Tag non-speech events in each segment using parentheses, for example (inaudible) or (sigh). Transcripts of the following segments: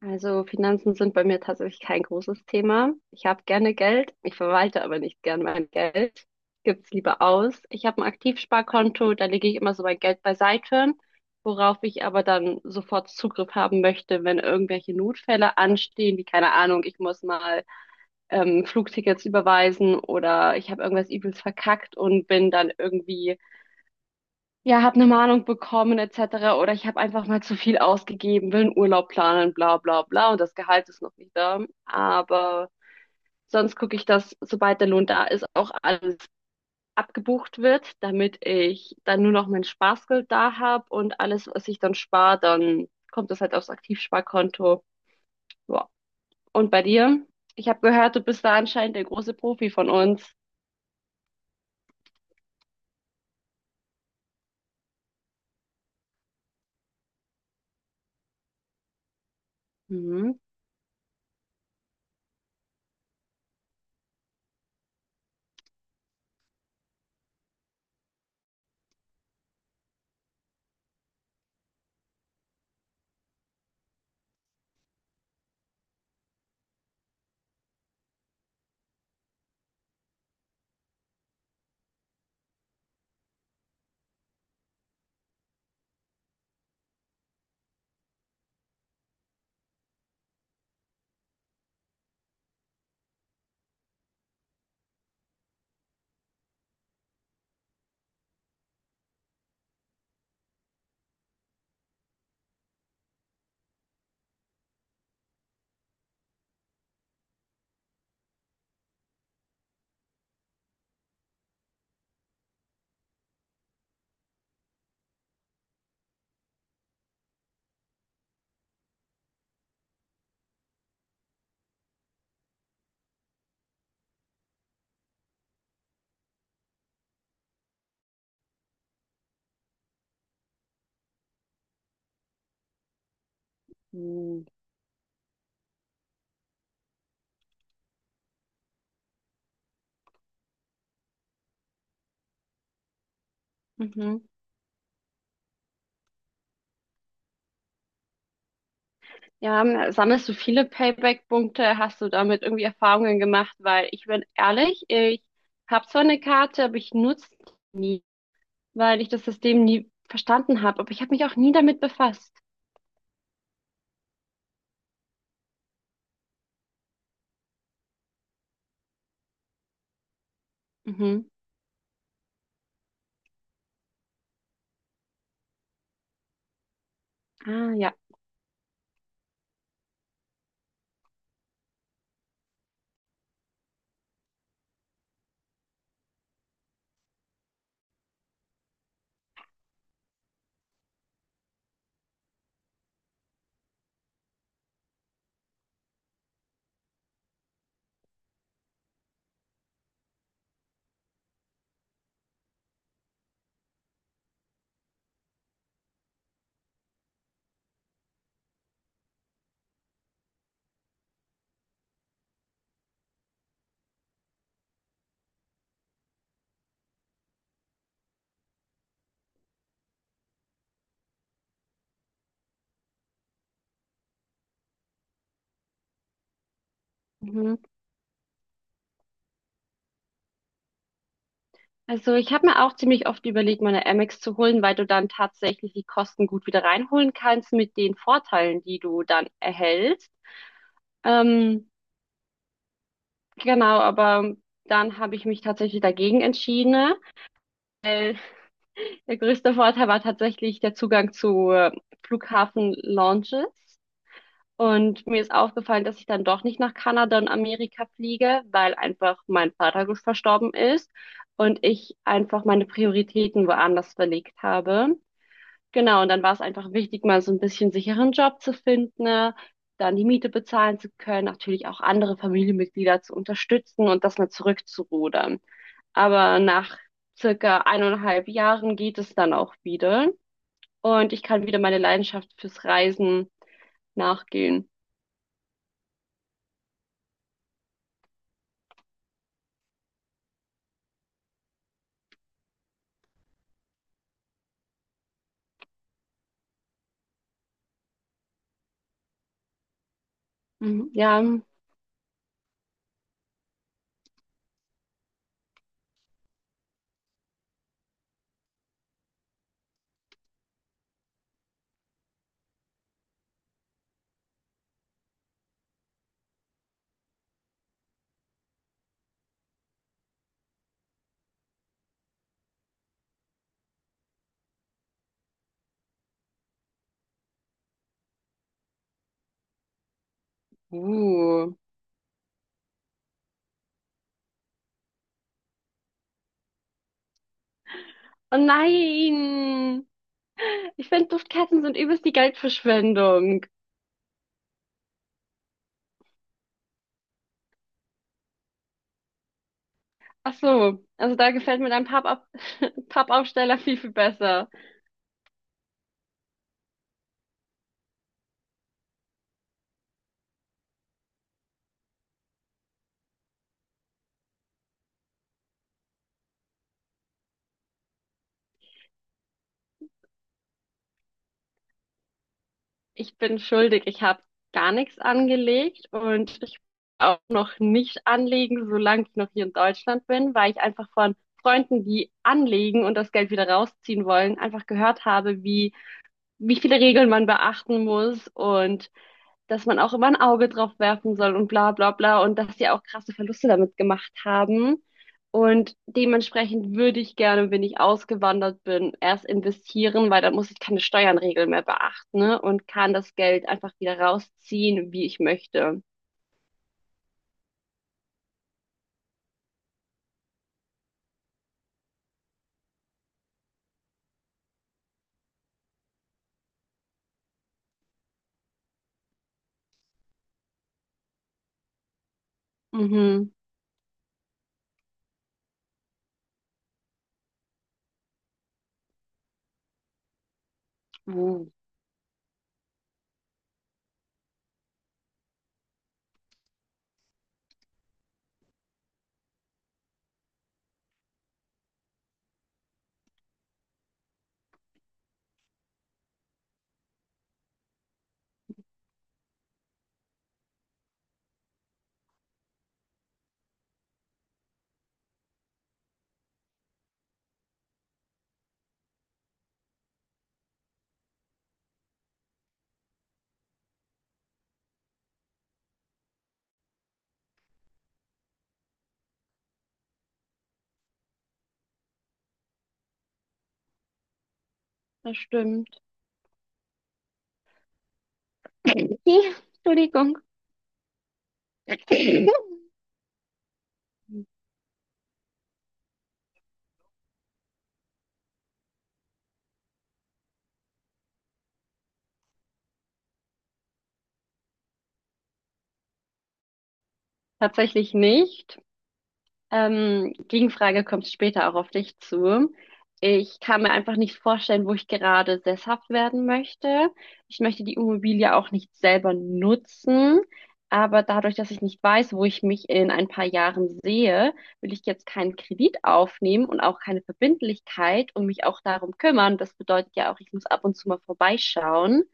Also Finanzen sind bei mir tatsächlich kein großes Thema. Ich habe gerne Geld, ich verwalte aber nicht gern mein Geld. Gib's lieber aus. Ich habe ein Aktivsparkonto, da lege ich immer so mein Geld beiseite, worauf ich aber dann sofort Zugriff haben möchte, wenn irgendwelche Notfälle anstehen, wie keine Ahnung, ich muss mal Flugtickets überweisen oder ich habe irgendwas übelst verkackt und bin dann irgendwie ja, habe eine Mahnung bekommen etc. Oder ich habe einfach mal zu viel ausgegeben, will einen Urlaub planen, bla bla bla und das Gehalt ist noch nicht da. Aber sonst gucke ich, dass sobald der Lohn da ist, auch alles abgebucht wird, damit ich dann nur noch mein Spaßgeld da habe und alles, was ich dann spare, dann kommt das halt aufs Aktivsparkonto. Ja. Und bei dir? Ich habe gehört, du bist da anscheinend der große Profi von uns. Mhm. Mhm. Ja, sammelst du viele Payback-Punkte? Hast du damit irgendwie Erfahrungen gemacht? Weil ich bin ehrlich, ich habe zwar eine Karte, aber ich nutze die nie, weil ich das System nie verstanden habe. Aber ich habe mich auch nie damit befasst. Mhm. Ah, ja. Mhm. Also ich habe mir auch ziemlich oft überlegt, meine Amex zu holen, weil du dann tatsächlich die Kosten gut wieder reinholen kannst mit den Vorteilen, die du dann erhältst. Ähm, genau, aber dann habe ich mich tatsächlich dagegen entschieden. Der größte Vorteil war tatsächlich der Zugang zu Flughafen-Lounges. Und mir ist aufgefallen, dass ich dann doch nicht nach Kanada und Amerika fliege, weil einfach mein Vater verstorben ist und ich einfach meine Prioritäten woanders verlegt habe. Genau, und dann war es einfach wichtig, mal so ein bisschen sicheren Job zu finden, ne? Dann die Miete bezahlen zu können, natürlich auch andere Familienmitglieder zu unterstützen und das mal zurückzurudern. Aber nach circa eineinhalb Jahren geht es dann auch wieder und ich kann wieder meine Leidenschaft fürs Reisen nachgehen. Mhm. Ja, uh. Oh nein! Ich finde, Duftkerzen sind übelst die Geldverschwendung. Ach so, also da gefällt mir dein Pappab (laughs) Pappaufsteller viel, viel besser. Ich bin schuldig, ich habe gar nichts angelegt und ich will auch noch nicht anlegen, solange ich noch hier in Deutschland bin, weil ich einfach von Freunden, die anlegen und das Geld wieder rausziehen wollen, einfach gehört habe, wie viele Regeln man beachten muss und dass man auch immer ein Auge drauf werfen soll und bla bla bla und dass die auch krasse Verluste damit gemacht haben. Und dementsprechend würde ich gerne, wenn ich ausgewandert bin, erst investieren, weil dann muss ich keine Steuernregeln mehr beachten, ne? Und kann das Geld einfach wieder rausziehen, wie ich möchte. Mhm. Uh, das stimmt. (laughs) Entschuldigung. (laughs) Tatsächlich nicht. Gegenfrage kommt später auch auf dich zu. Ich kann mir einfach nicht vorstellen, wo ich gerade sesshaft werden möchte. Ich möchte die Immobilie auch nicht selber nutzen. Aber dadurch, dass ich nicht weiß, wo ich mich in ein paar Jahren sehe, will ich jetzt keinen Kredit aufnehmen und auch keine Verbindlichkeit und mich auch darum kümmern. Das bedeutet ja auch, ich muss ab und zu mal vorbeischauen.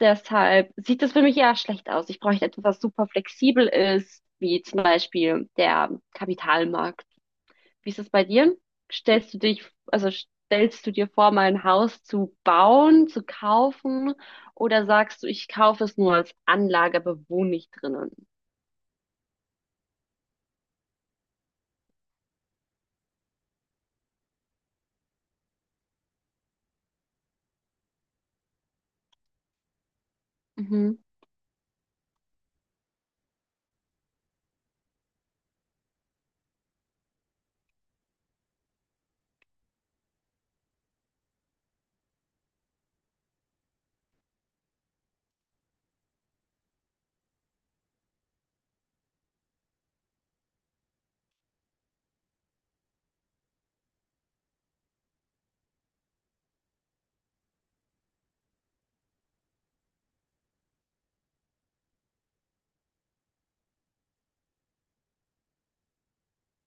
Deshalb sieht das für mich ja schlecht aus. Ich bräuchte etwas, was super flexibel ist, wie zum Beispiel der Kapitalmarkt. Wie ist das bei dir? Stellst du dich, also stellst du dir vor, mal ein Haus zu bauen, zu kaufen, oder sagst du, ich kaufe es nur als Anlage, aber wohne nicht drinnen? Mhm.